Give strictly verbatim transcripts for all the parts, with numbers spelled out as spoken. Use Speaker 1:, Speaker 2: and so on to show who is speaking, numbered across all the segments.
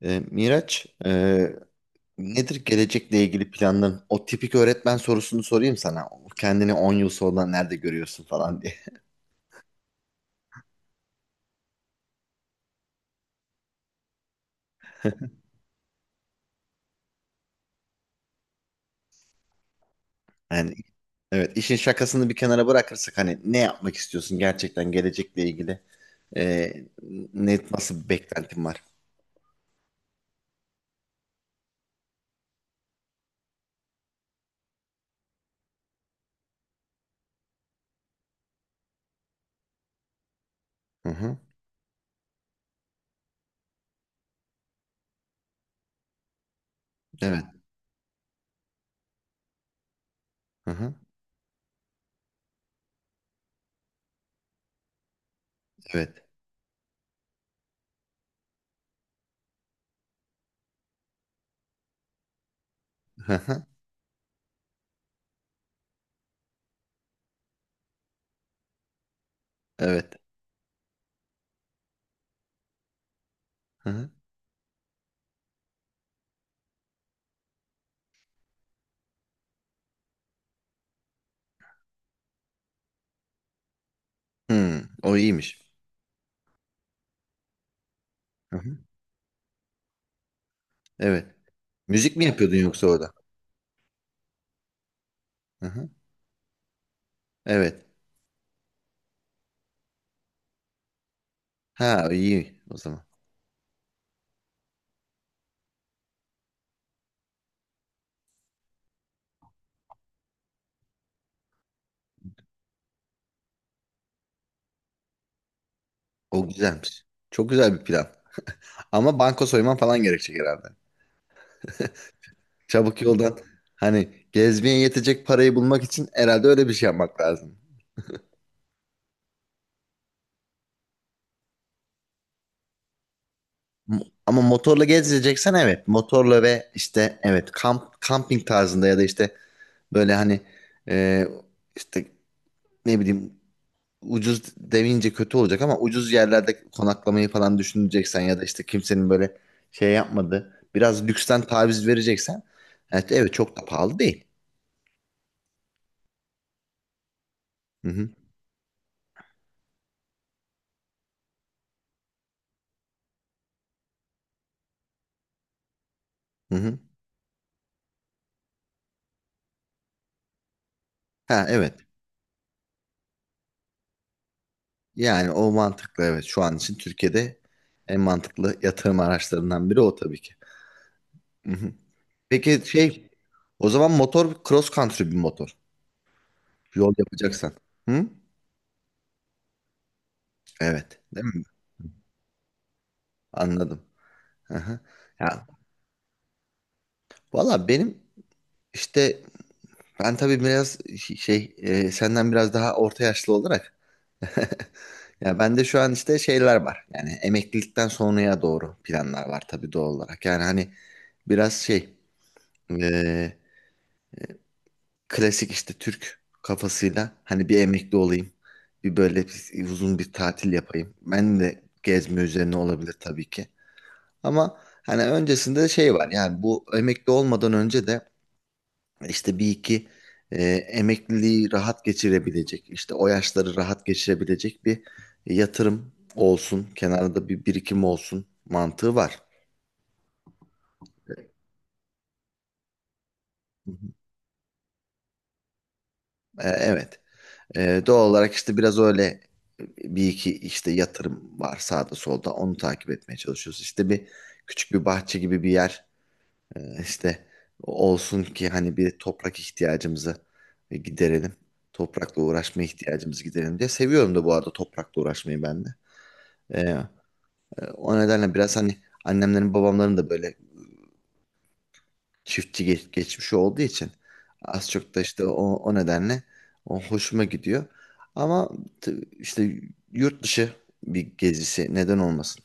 Speaker 1: Ee, Miraç, e, nedir gelecekle ilgili planların? O tipik öğretmen sorusunu sorayım sana. Kendini on yıl sonra nerede görüyorsun falan diye. Yani evet, işin şakasını bir kenara bırakırsak hani ne yapmak istiyorsun gerçekten gelecekle ilgili? Ee, ne Nasıl bir beklentin var? Hı hı. Evet. Hı hı. Evet. Hı hı. Evet. Hı hı. Hmm, o iyiymiş. Hı hı. Evet. Müzik mi yapıyordun yoksa orada? Hı hı. Evet. Ha, iyi o zaman. O güzelmiş. Çok güzel bir plan. Ama banka soyman falan gerekecek herhalde. Çabuk yoldan hani gezmeye yetecek parayı bulmak için herhalde öyle bir şey yapmak lazım. M- Ama motorla gezeceksen, evet. Motorla ve işte evet, kamp, kamping tarzında ya da işte böyle hani e, işte ne bileyim, ucuz demeyince kötü olacak ama ucuz yerlerde konaklamayı falan düşüneceksen ya da işte kimsenin böyle şey yapmadığı biraz lüksten taviz vereceksen, evet, evet çok da pahalı değil. Hı hı, hı hı. Ha evet. Yani o mantıklı, evet. Şu an için Türkiye'de en mantıklı yatırım araçlarından biri o tabii ki. Hı hı. Peki şey, o zaman motor cross country bir motor. Yol yapacaksan. Hı? Evet. Değil mi? Anladım. Hı. Ya valla benim işte ben tabii biraz şey, e, senden biraz daha orta yaşlı olarak ya bende şu an işte şeyler var. Yani emeklilikten sonraya doğru planlar var tabii doğal olarak. Yani hani biraz şey, e, klasik işte Türk kafasıyla hani bir emekli olayım. Bir böyle bir- uzun bir tatil yapayım. Ben de gezme üzerine olabilir tabii ki. Ama hani öncesinde şey var yani bu emekli olmadan önce de işte bir iki e, emekliliği rahat geçirebilecek işte o yaşları rahat geçirebilecek bir yatırım olsun. Kenarda bir birikim olsun mantığı var. E, Hı hı. E, evet. Ee, doğal olarak işte biraz öyle bir iki işte yatırım var sağda solda, onu takip etmeye çalışıyoruz. İşte bir küçük bir bahçe gibi bir yer e, işte olsun ki hani bir toprak ihtiyacımızı giderelim. Toprakla uğraşma ihtiyacımızı giderelim diye. Seviyorum da bu arada toprakla uğraşmayı ben de. Ee, e, o nedenle biraz hani annemlerin babamların da böyle çiftçi geç, geçmişi olduğu için az çok da işte o, o nedenle o hoşuma gidiyor. Ama t- işte yurt dışı bir gezisi neden olmasın?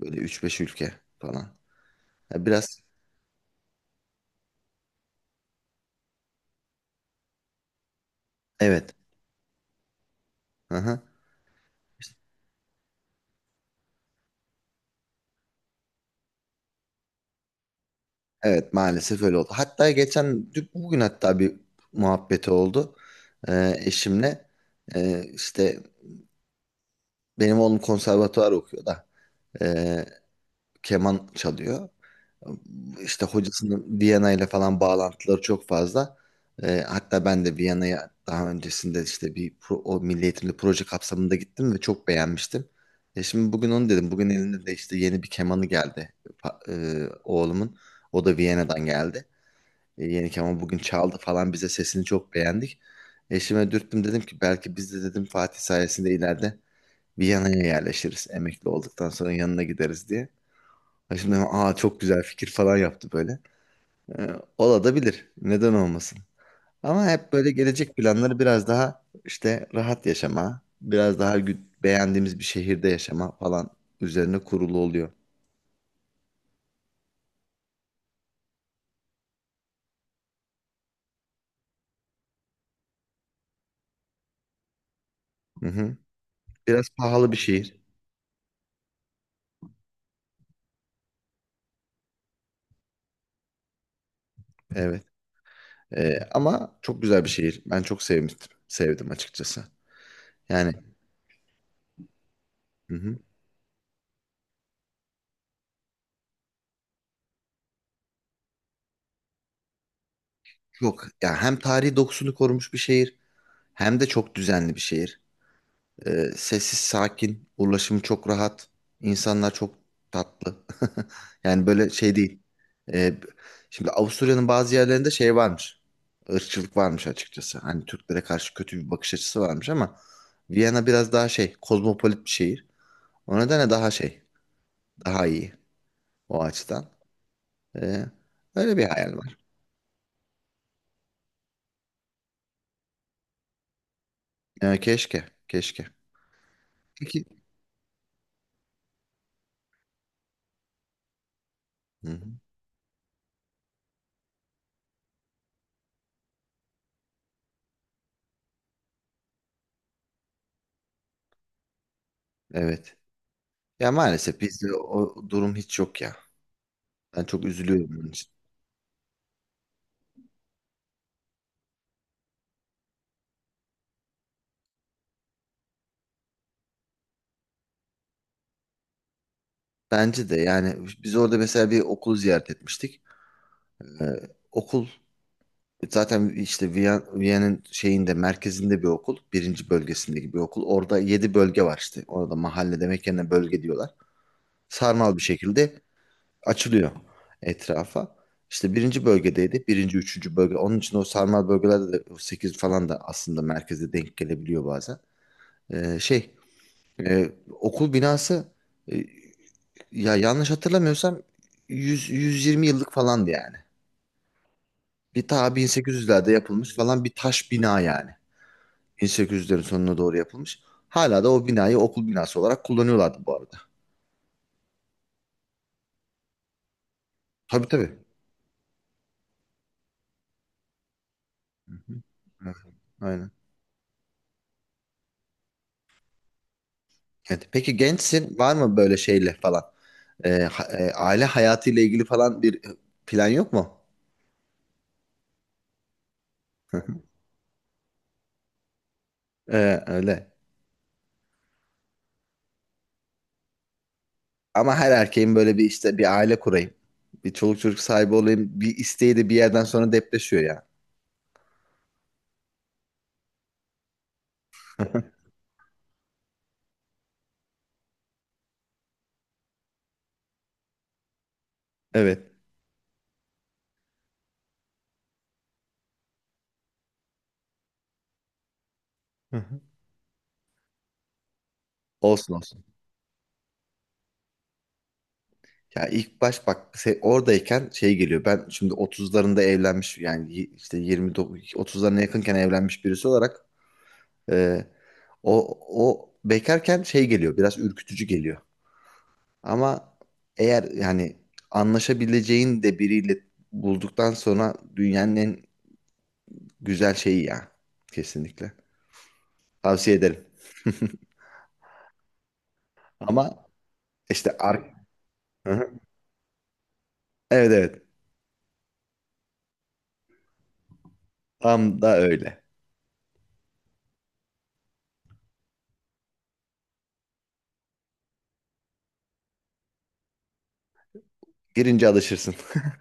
Speaker 1: Böyle üç beş ülke falan. Ya biraz, evet. Hı-hı. Evet, maalesef öyle oldu. Hatta geçen dün- bugün hatta bir muhabbeti oldu, Ee, eşimle. Ee, işte benim oğlum konservatuvar okuyor da, ee, keman çalıyor. İşte hocasının Viyana ile falan bağlantıları çok fazla. Ee, hatta ben de Viyana'ya daha öncesinde işte bir pro, o milli eğitimli proje kapsamında gittim ve çok beğenmiştim. E şimdi bugün onu dedim. Bugün elinde de işte yeni bir kemanı geldi, pa- e, oğlumun. O da Viyana'dan geldi. E, yeni keman bugün çaldı falan bize, sesini çok beğendik. Eşime dürttüm, dedim ki belki biz de dedim Fatih sayesinde ileride Viyana'ya yerleşiriz. Emekli olduktan sonra yanına gideriz diye. E Şimdi aa çok güzel fikir falan yaptı böyle. Ee, Ola Neden olmasın? Ama hep böyle gelecek planları biraz daha işte rahat yaşama, biraz daha gü- beğendiğimiz bir şehirde yaşama falan üzerine kurulu oluyor. Hı hı. Biraz pahalı bir şehir. Evet. Ee, ama çok güzel bir şehir. Ben çok sevmiştim. Sevdim açıkçası. Yani, hı hı. Çok. Ya hem tarihi dokusunu korumuş bir şehir hem de çok düzenli bir şehir. Ee, sessiz, sakin, ulaşımı çok rahat, insanlar çok tatlı. Yani böyle şey değil. Ee, şimdi Avusturya'nın bazı yerlerinde şey varmış. Irkçılık varmış açıkçası. Hani Türklere karşı kötü bir bakış açısı varmış ama Viyana biraz daha şey, kozmopolit bir şehir. O nedenle daha şey, daha iyi o açıdan. Ee, öyle bir hayal var. Ee, keşke, keşke. Peki. Hı hı. Evet. Ya maalesef bizde o durum hiç yok ya. Ben çok üzülüyorum bunun için. Bence de yani biz orada mesela bir okul ziyaret etmiştik. Ee, okul zaten işte Viyan, Viyana'nın şeyinde, merkezinde bir okul. Birinci bölgesindeki bir okul. Orada yedi bölge var işte. Orada mahalle demek yerine bölge diyorlar. Sarmal bir şekilde açılıyor etrafa. İşte birinci bölgedeydi. Birinci, üçüncü bölge. Onun için o sarmal bölgelerde de o sekiz falan da aslında merkeze denk gelebiliyor bazen. Ee, şey, e, okul binası, e, ya yanlış hatırlamıyorsam yüz, yüz yirmi yıllık falandı yani. Bir ta bin sekiz yüzlerde yapılmış falan bir taş bina yani. bin sekiz yüzlerin sonuna doğru yapılmış. Hala da o binayı okul binası olarak kullanıyorlardı bu arada. Tabii tabii. Evet, aynen. Evet. Peki gençsin, var mı böyle şeyle falan? Ee, ha- e, aile hayatıyla ilgili falan bir plan yok mu? Hı hı. Ee, öyle. Ama her erkeğin böyle bir işte bir aile kurayım. Bir çoluk çocuk sahibi olayım. Bir isteği de bir yerden sonra depreşiyor ya. Evet. Hı hı. Olsun olsun. Ya ilk baş bak se- oradayken şey geliyor. Ben şimdi otuzlarında evlenmiş yani y- işte yirmi dokuz otuzlarına yakınken evlenmiş birisi olarak e, o o bekarken şey geliyor. Biraz ürkütücü geliyor. Ama eğer yani anlaşabileceğin de biriyle bulduktan sonra dünyanın en güzel şeyi ya. Kesinlikle. Tavsiye ederim. Ama işte, ar Hı hı. Evet evet. Tam da öyle. Girince alışırsın.